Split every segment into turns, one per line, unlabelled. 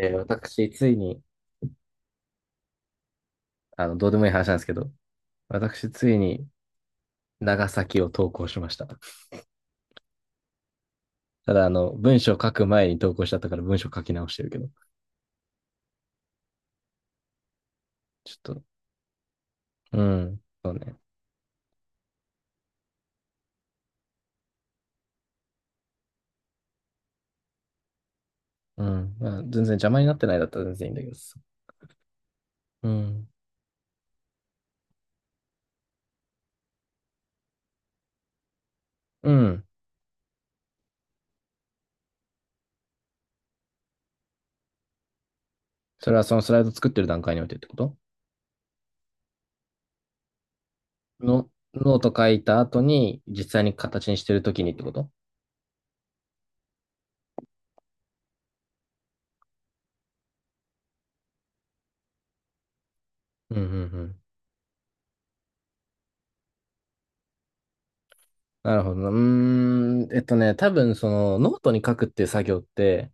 私、ついに、どうでもいい話なんですけど、私、ついに長崎を投稿しました。ただ、文章書く前に投稿しちゃったから文章書き直してるけど、ちょっと、うん、そうね。うん、まあ、全然邪魔になってないだったら全然いいんだけどさ。うん、うん。それはそのスライド作ってる段階においてってことの、ノート書いた後に、実際に形にしてる時にってこと、うん、うん、うん。なるほどな。多分そのノートに書くっていう作業って、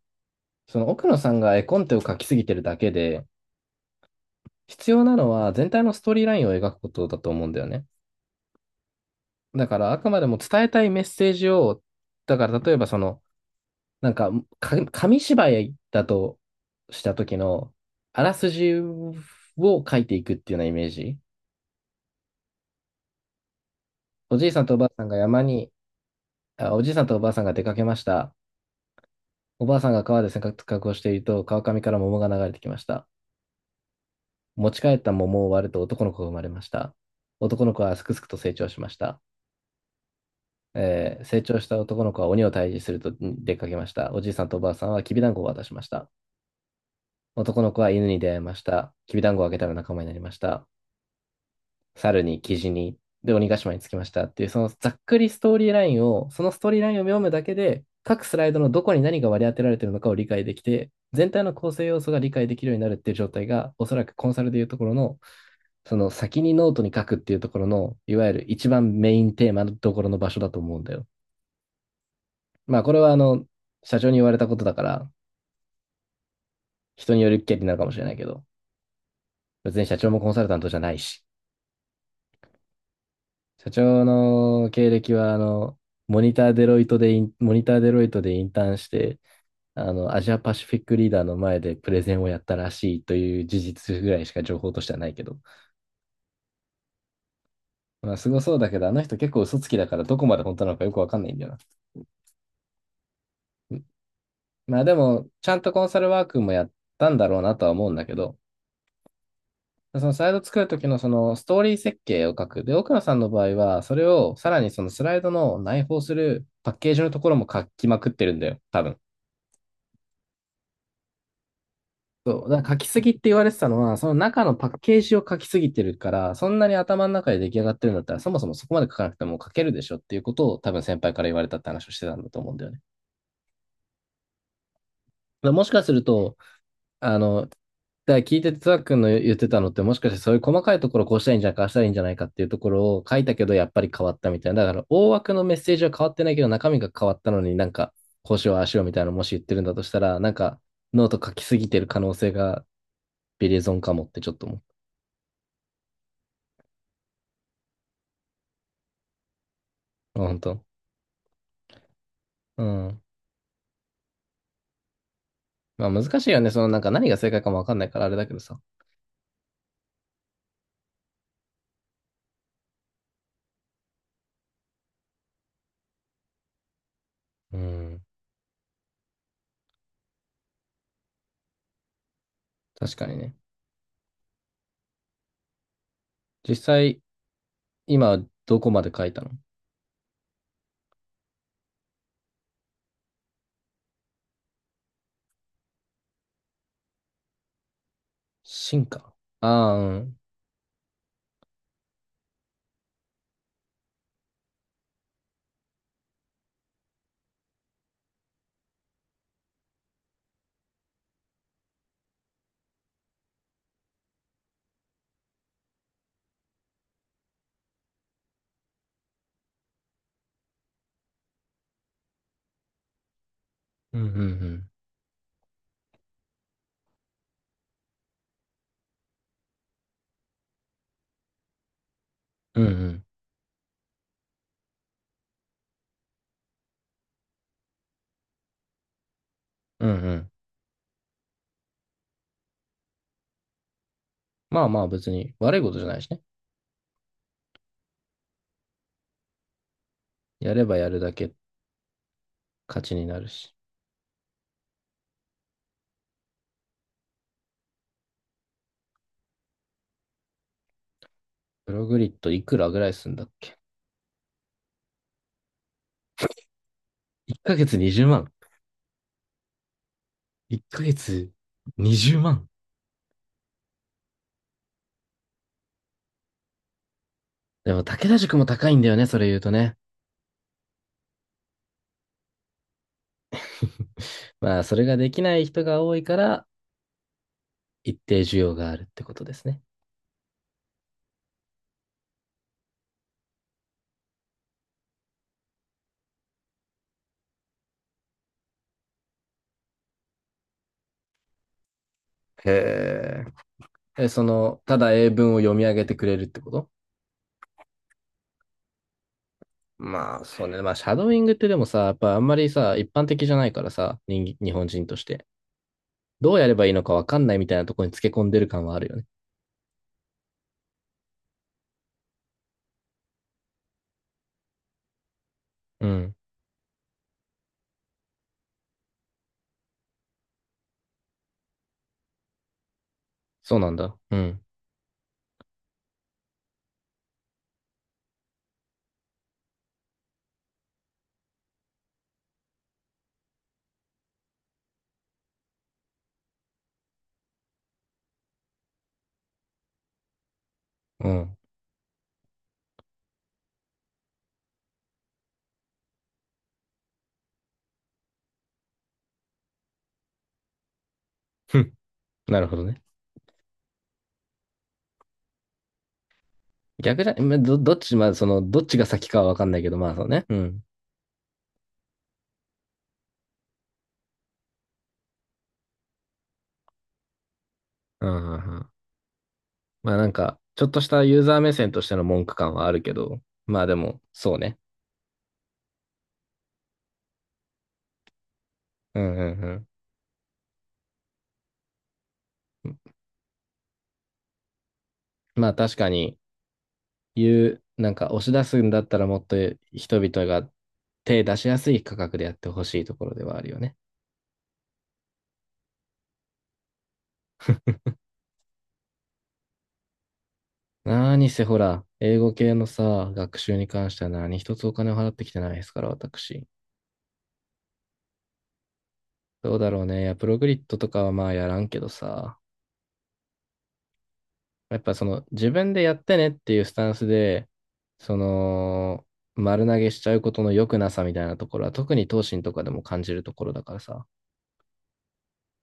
その奥野さんが絵コンテを描きすぎてるだけで、必要なのは全体のストーリーラインを描くことだと思うんだよね。だからあくまでも伝えたいメッセージを、だから例えばその、なんか、か紙芝居だとした時の、あらすじを書いていくっていうようなイメージ。おじいさんとおばあさんが山に、あ、おじいさんとおばあさんが出かけました。おばあさんが川で洗濯をしていると、川上から桃が流れてきました。持ち帰った桃を割ると男の子が生まれました。男の子はすくすくと成長しました。成長した男の子は鬼を退治すると出かけました。おじいさんとおばあさんはきびだんごを渡しました。男の子は犬に出会いました。きびだんごをあげたら仲間になりました。猿に、キジに、で、鬼ヶ島に着きましたっていう、そのざっくりストーリーラインを、そのストーリーラインを読むだけで、各スライドのどこに何が割り当てられているのかを理解できて、全体の構成要素が理解できるようになるっていう状態が、おそらくコンサルでいうところの、その先にノートに書くっていうところの、いわゆる一番メインテーマのところの場所だと思うんだよ。まあ、これは社長に言われたことだから、人による権利なのかもしれないけど、別に社長もコンサルタントじゃないし、社長の経歴は、モニターデロイトでインターンして、アジアパシフィックリーダーの前でプレゼンをやったらしいという事実ぐらいしか情報としてはないけど。まあ、すごそうだけど、あの人結構嘘つきだからどこまで本当なのかよくわかんないんだよな。まあでも、ちゃんとコンサルワークもやったんだろうなとは思うんだけど、そのスライド作るときのそのストーリー設計を書く。で、奥野さんの場合は、それをさらにそのスライドの内包するパッケージのところも書きまくってるんだよ、多分。そう。だから書きすぎって言われてたのは、その中のパッケージを書きすぎてるから、そんなに頭の中で出来上がってるんだったら、そもそもそこまで書かなくても書けるでしょっていうことを多分先輩から言われたって話をしてたんだと思うんだよね。だからもしかすると、あの、だから聞いてて、つわくんの言ってたのって、もしかしてそういう細かいところこうしたらいいんじゃないか、ああしたらいいんじゃないかっていうところを書いたけど、やっぱり変わったみたいな。だから、大枠のメッセージは変わってないけど、中身が変わったのになんか、こうしよう、ああしようみたいなのもし言ってるんだとしたら、なんか、ノート書きすぎてる可能性がビリゾンかもってちょっと思う。あ本当。うん。まあ難しいよね。そのなんか何が正解かもわかんないからあれだけどさ。うん。確かにね。実際、今どこまで書いたの、進化。ああ、うん。うんうんうん。うんうんうんうん。まあまあ別に悪いことじゃないしね。やればやるだけ勝ちになるし。プログリッドいくらぐらいすんだっけ、1ヶ月20万。1ヶ月20万。でも武田塾も高いんだよね、それ言うとね。まあそれができない人が多いから一定需要があるってことですね。へえ。え、その、ただ英文を読み上げてくれるってこと、まあそうね。まあシャドウイングってでもさ、やっぱあんまりさ、一般的じゃないからさ、人、日本人として。どうやればいいのかわかんないみたいなところにつけ込んでる感はあるよね。うん。そうなんだ。うん。うん。なるほどね。逆じゃ、んど、どっち、まあ、その、どっちが先かはわかんないけど、まあそうね。うん。うんうんうん。まあなんか、ちょっとしたユーザー目線としての文句感はあるけど、まあでも、そうね。うんうんうん。まあ確かに、言う、なんか押し出すんだったらもっと人々が手出しやすい価格でやってほしいところではあるよね。何せほら、英語系のさ、学習に関しては何一つお金を払ってきてないですから、私。どうだろうね。いや、プログリッドとかはまあやらんけどさ、やっぱその自分でやってねっていうスタンスで、その、丸投げしちゃうことの良くなさみたいなところは、特に東進とかでも感じるところだからさ。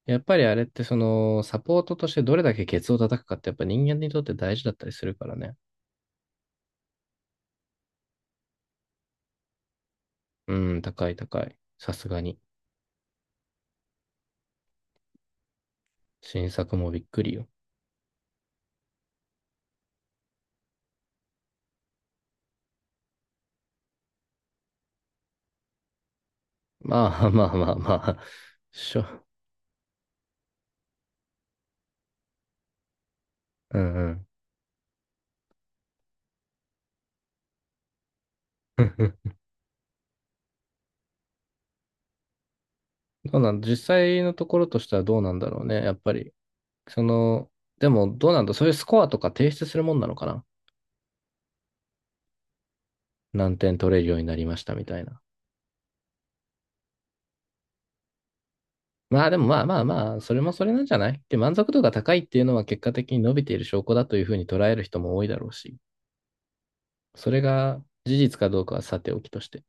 やっぱりあれってその、サポートとしてどれだけケツを叩くかってやっぱ人間にとって大事だったりするからね。うん、高い高い。さすがに。新作もびっくりよ。まあまあまあまあ、しょ、うんうん。どうなん、実際のところとしてはどうなんだろうね、やっぱり。その、でもどうなんだ、そういうスコアとか提出するもんなのかな。何点取れるようになりましたみたいな。まあでもまあまあまあ、それもそれなんじゃないで、満足度が高いっていうのは結果的に伸びている証拠だというふうに捉える人も多いだろうし、それが事実かどうかはさておきとして。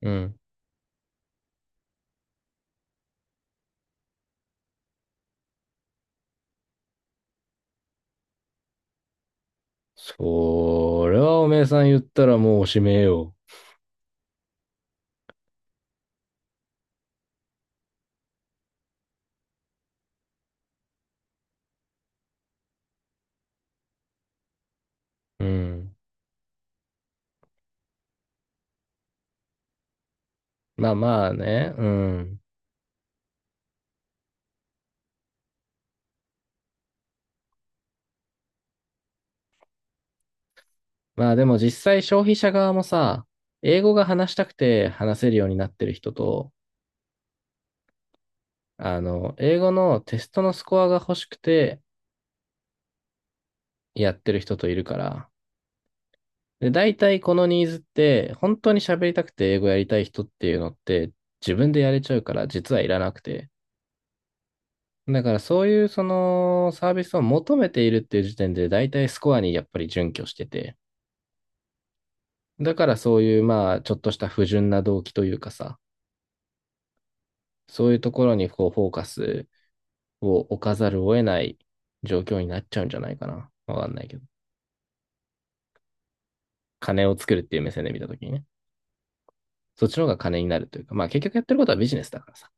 うん。それはおめえさん言ったらもうおしめえよ。うん。まあまあね、うん。まあでも実際消費者側もさ、英語が話したくて話せるようになってる人と、あの、英語のテストのスコアが欲しくてやってる人といるから、で、大体このニーズって、本当に喋りたくて英語やりたい人っていうのって、自分でやれちゃうから、実はいらなくて。だからそういうそのサービスを求めているっていう時点で、大体スコアにやっぱり準拠してて、だからそういうまあ、ちょっとした不純な動機というかさ、そういうところにこうフォーカスを置かざるを得ない状況になっちゃうんじゃないかな。わかんないけど。金を作るっていう目線で見たときにね。そっちの方が金になるというか、まあ結局やってることはビジネスだからさ。